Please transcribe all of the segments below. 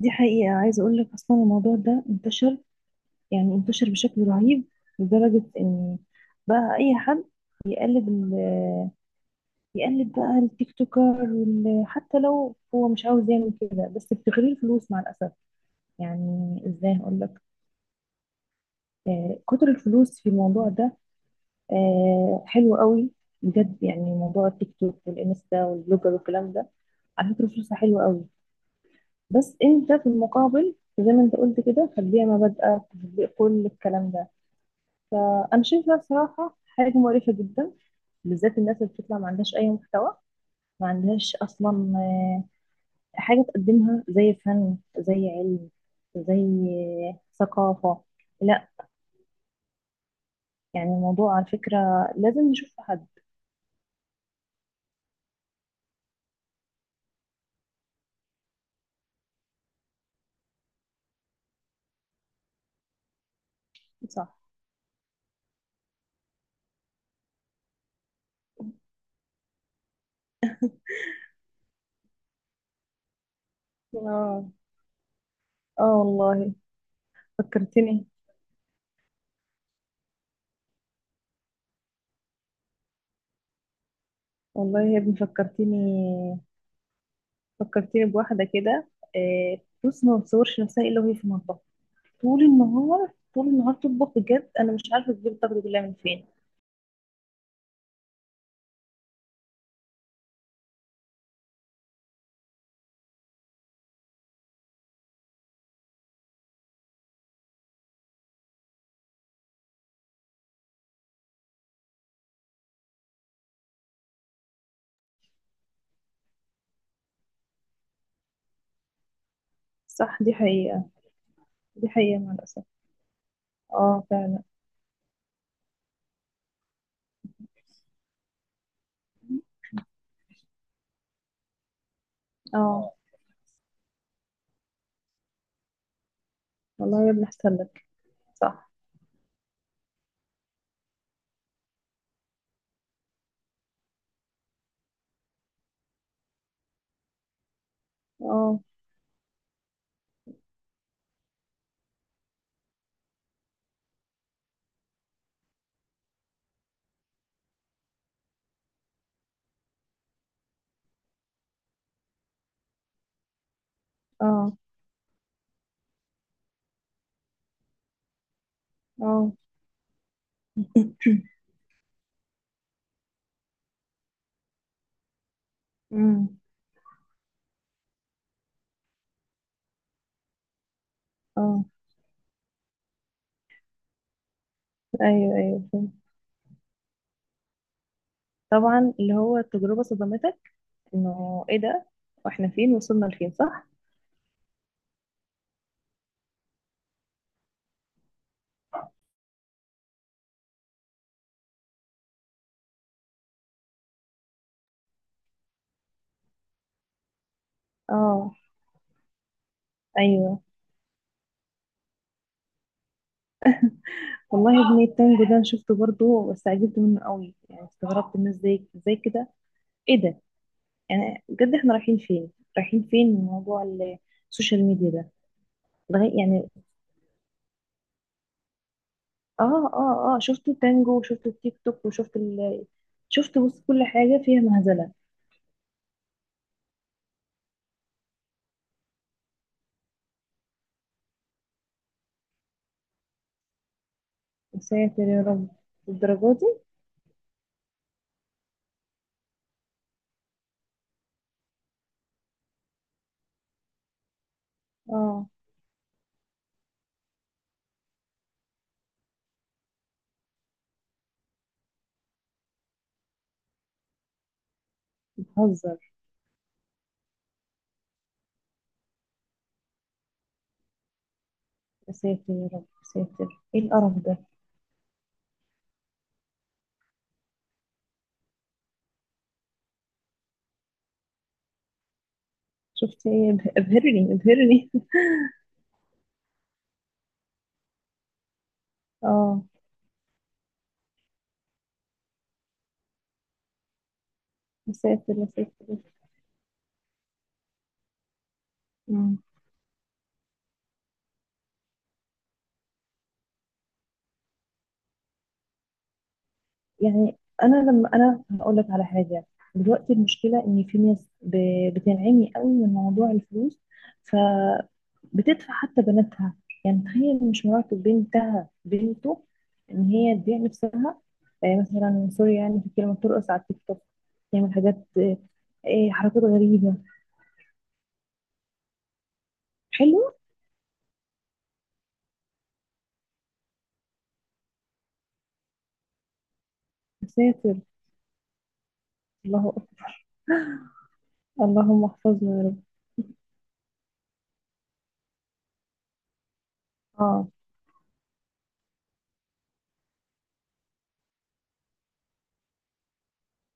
دي حقيقة، عايزة أقول لك أصلا الموضوع ده انتشر، انتشر بشكل رهيب لدرجة إن بقى أي حد يقلد يقلد بقى التيك توكر، حتى لو هو مش عاوز يعمل كده، بس بتغري الفلوس مع الأسف. يعني إزاي هقول لك، آه، كتر الفلوس في الموضوع ده. آه، حلو قوي بجد. يعني موضوع التيك توك والإنستا والبلوجر والكلام ده، على فكرة فلوسها حلوة قوي، بس أنت في المقابل زي ما أنت قلت كده تتبيع مبادئك، تطبيق كل الكلام ده. فأنا شايفة بصراحة حاجة مقرفة جدا، بالذات الناس اللي بتطلع ما عندهاش أي محتوى. ما عندهاش أصلا آه، حاجة تقدمها، زي فن، زي علم، زي ثقافة. لا، يعني الموضوع على فكرة لازم نشوف حد. صح. اه. اه والله، فكرتني. والله يا ابني فكرتني، فكرتني بواحدة كده. آه، بص، ما بتصورش نفسها إلا وهي في المطبخ، طول النهار طول النهار تطبخ. بجد أنا مش عارفة تجيب الطاقة دي كلها من فين. صح، دي حقيقة. دي حقيقة مع الأسف. اه فعلا. اه. والله يا ابني أحسن لك. صح. اه، اه، اه. أمم، اه. ايوه ايوه، فهمت. طبعا اللي هو التجربة صدمتك، انه ايه ده، واحنا فين، وصلنا لفين؟ صح. اه، ايوه. والله يا ابني التانجو ده انا شفته برضه، بس عجبت منه قوي. يعني استغربت الناس ازاي، ازاي كده؟ ايه ده؟ يعني بجد احنا رايحين فين؟ رايحين فين من موضوع السوشيال ميديا ده؟ لغاية يعني، اه اه اه، شفت التانجو وشفت التيك توك وشفت ال شفت، بص، كل حاجة فيها مهزلة. يا ساتر يا رب، الدرجة دي؟ اه. بتهزر؟ يا ساتر يا رب يا ساتر، ايه القرف ده؟ شفت ايه؟ ابهرني، ابهرني. اه. يا ساتر يا ساتر. يعني انا لما، انا هقول لك على حاجه. دلوقتي المشكله ان في ناس بتنعمي قوي من موضوع الفلوس، فبتدفع حتى بناتها. يعني تخيل، مش مراتب، بنتها، بنته، ان هي تبيع نفسها. مثلا سوري يعني في كلمه، ترقص على التيك توك، تعمل حاجات، حركات غريبه. حلو. ساتر. الله أكبر. اللهم احفظنا يا رب. اه.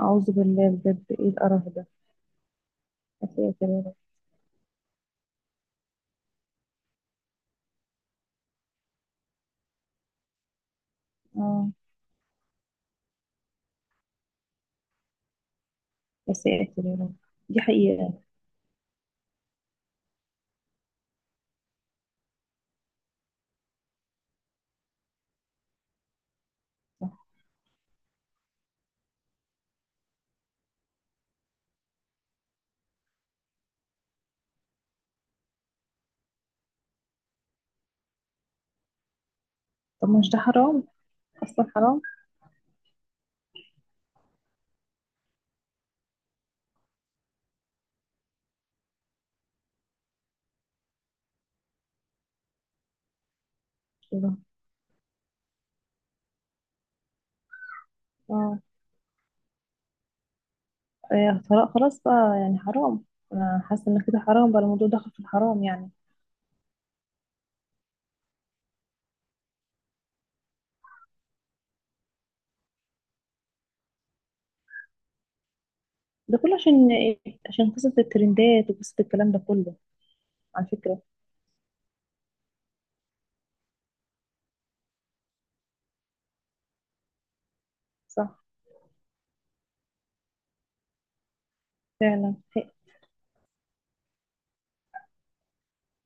اعوذ بالله، بجد ايه القرف ده؟ يا ساتر يا رب. اه. يا ساتر يا رب. دي حقيقة. صح. طب مش ده حرام؟ اصلا حرام. الله. اه. إيه، طلاق خلاص بقى؟ يعني حرام. انا حاسه ان كده حرام بقى، الموضوع دخل في الحرام يعني. ده كله عشان إيه؟ عشان قصه الترندات وقصه الكلام ده كله. على فكره. صح. فعلا،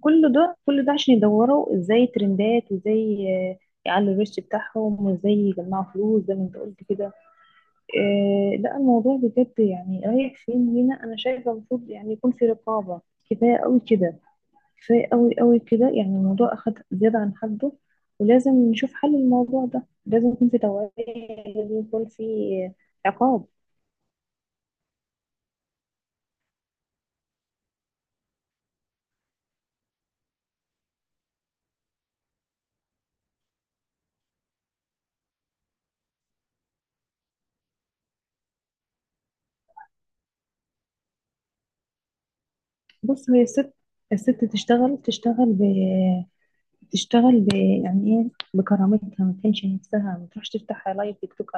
كل ده، كل ده عشان يدوروا ازاي ترندات، وازاي يعلوا الريتش بتاعهم، وازاي يجمعوا فلوس زي ما انت قلت كده. إيه، لا الموضوع بجد يعني رايح فين لينا؟ انا شايفه المفروض يعني يكون في رقابه. كفايه قوي كده، كفاية قوي قوي كده، يعني الموضوع أخد زيادة عن حده. ولازم نشوف حل، الموضوع ده لازم يكون في توعية، لازم يكون في عقاب. بص، هي الست، الست تشتغل، تشتغل ب يعني ايه، بكرامتها. ما تهينش نفسها، ما تروحش تفتح لايف تيك توك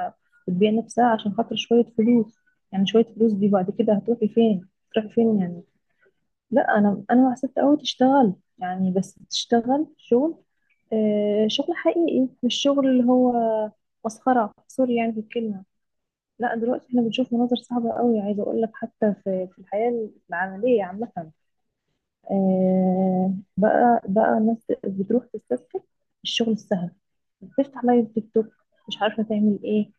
وتبيع نفسها عشان خاطر شوية فلوس. يعني شوية فلوس دي بعد كده هتروحي فين؟ هتروحي فين يعني؟ لا انا، حسبت قوي تشتغل، يعني بس تشتغل شغل، شغل حقيقي، مش شغل اللي هو مسخرة، سوري يعني في الكلمة. لا دلوقتي احنا بنشوف مناظر صعبة قوي. عايزة اقول لك حتى في، في الحياة العملية عامة، بقى الناس بتروح تستسهل الشغل السهل، بتفتح لايف تيك توك، مش عارفة تعمل ايه،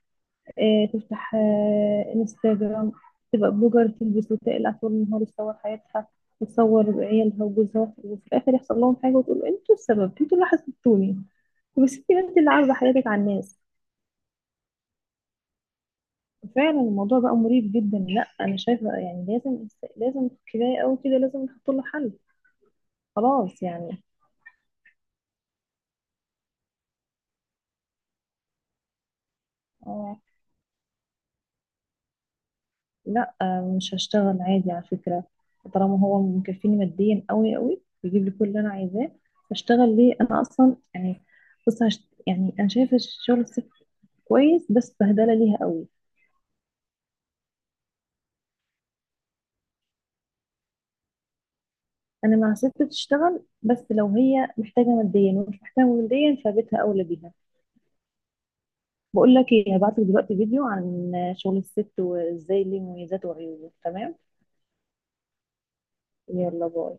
تفتح انستجرام، تبقى بلوجر، تلبس وتقلع طول النهار، تصور حياتها وتصور عيالها وجوزها، وفي الاخر يحصل لهم حاجه وتقول انتوا السبب، انتوا اللي حسدتوني. بس انت، انت اللي عارضه حياتك على الناس. فعلا الموضوع بقى مريب جدا. لا انا شايفه يعني لازم، لازم، كفايه قوي كده، لازم نحط له حل، خلاص يعني. آه، لا مش هشتغل عادي، على فكرة. طالما هو مكفيني ماديا قوي قوي، بيجيب لي كل اللي انا عايزاه، هشتغل ليه انا اصلا يعني؟ بص، يعني انا شايفة شغل الست كويس، بس بهدلة ليها قوي. انا مع ست تشتغل، بس لو هي محتاجة ماديا، ومش محتاجة ماديا فبيتها اولى بيها. بقول لك ايه، هبعت لك دلوقتي فيديو عن شغل الست، وازاي ليه مميزاته وعيوبه، تمام؟ يلا باي.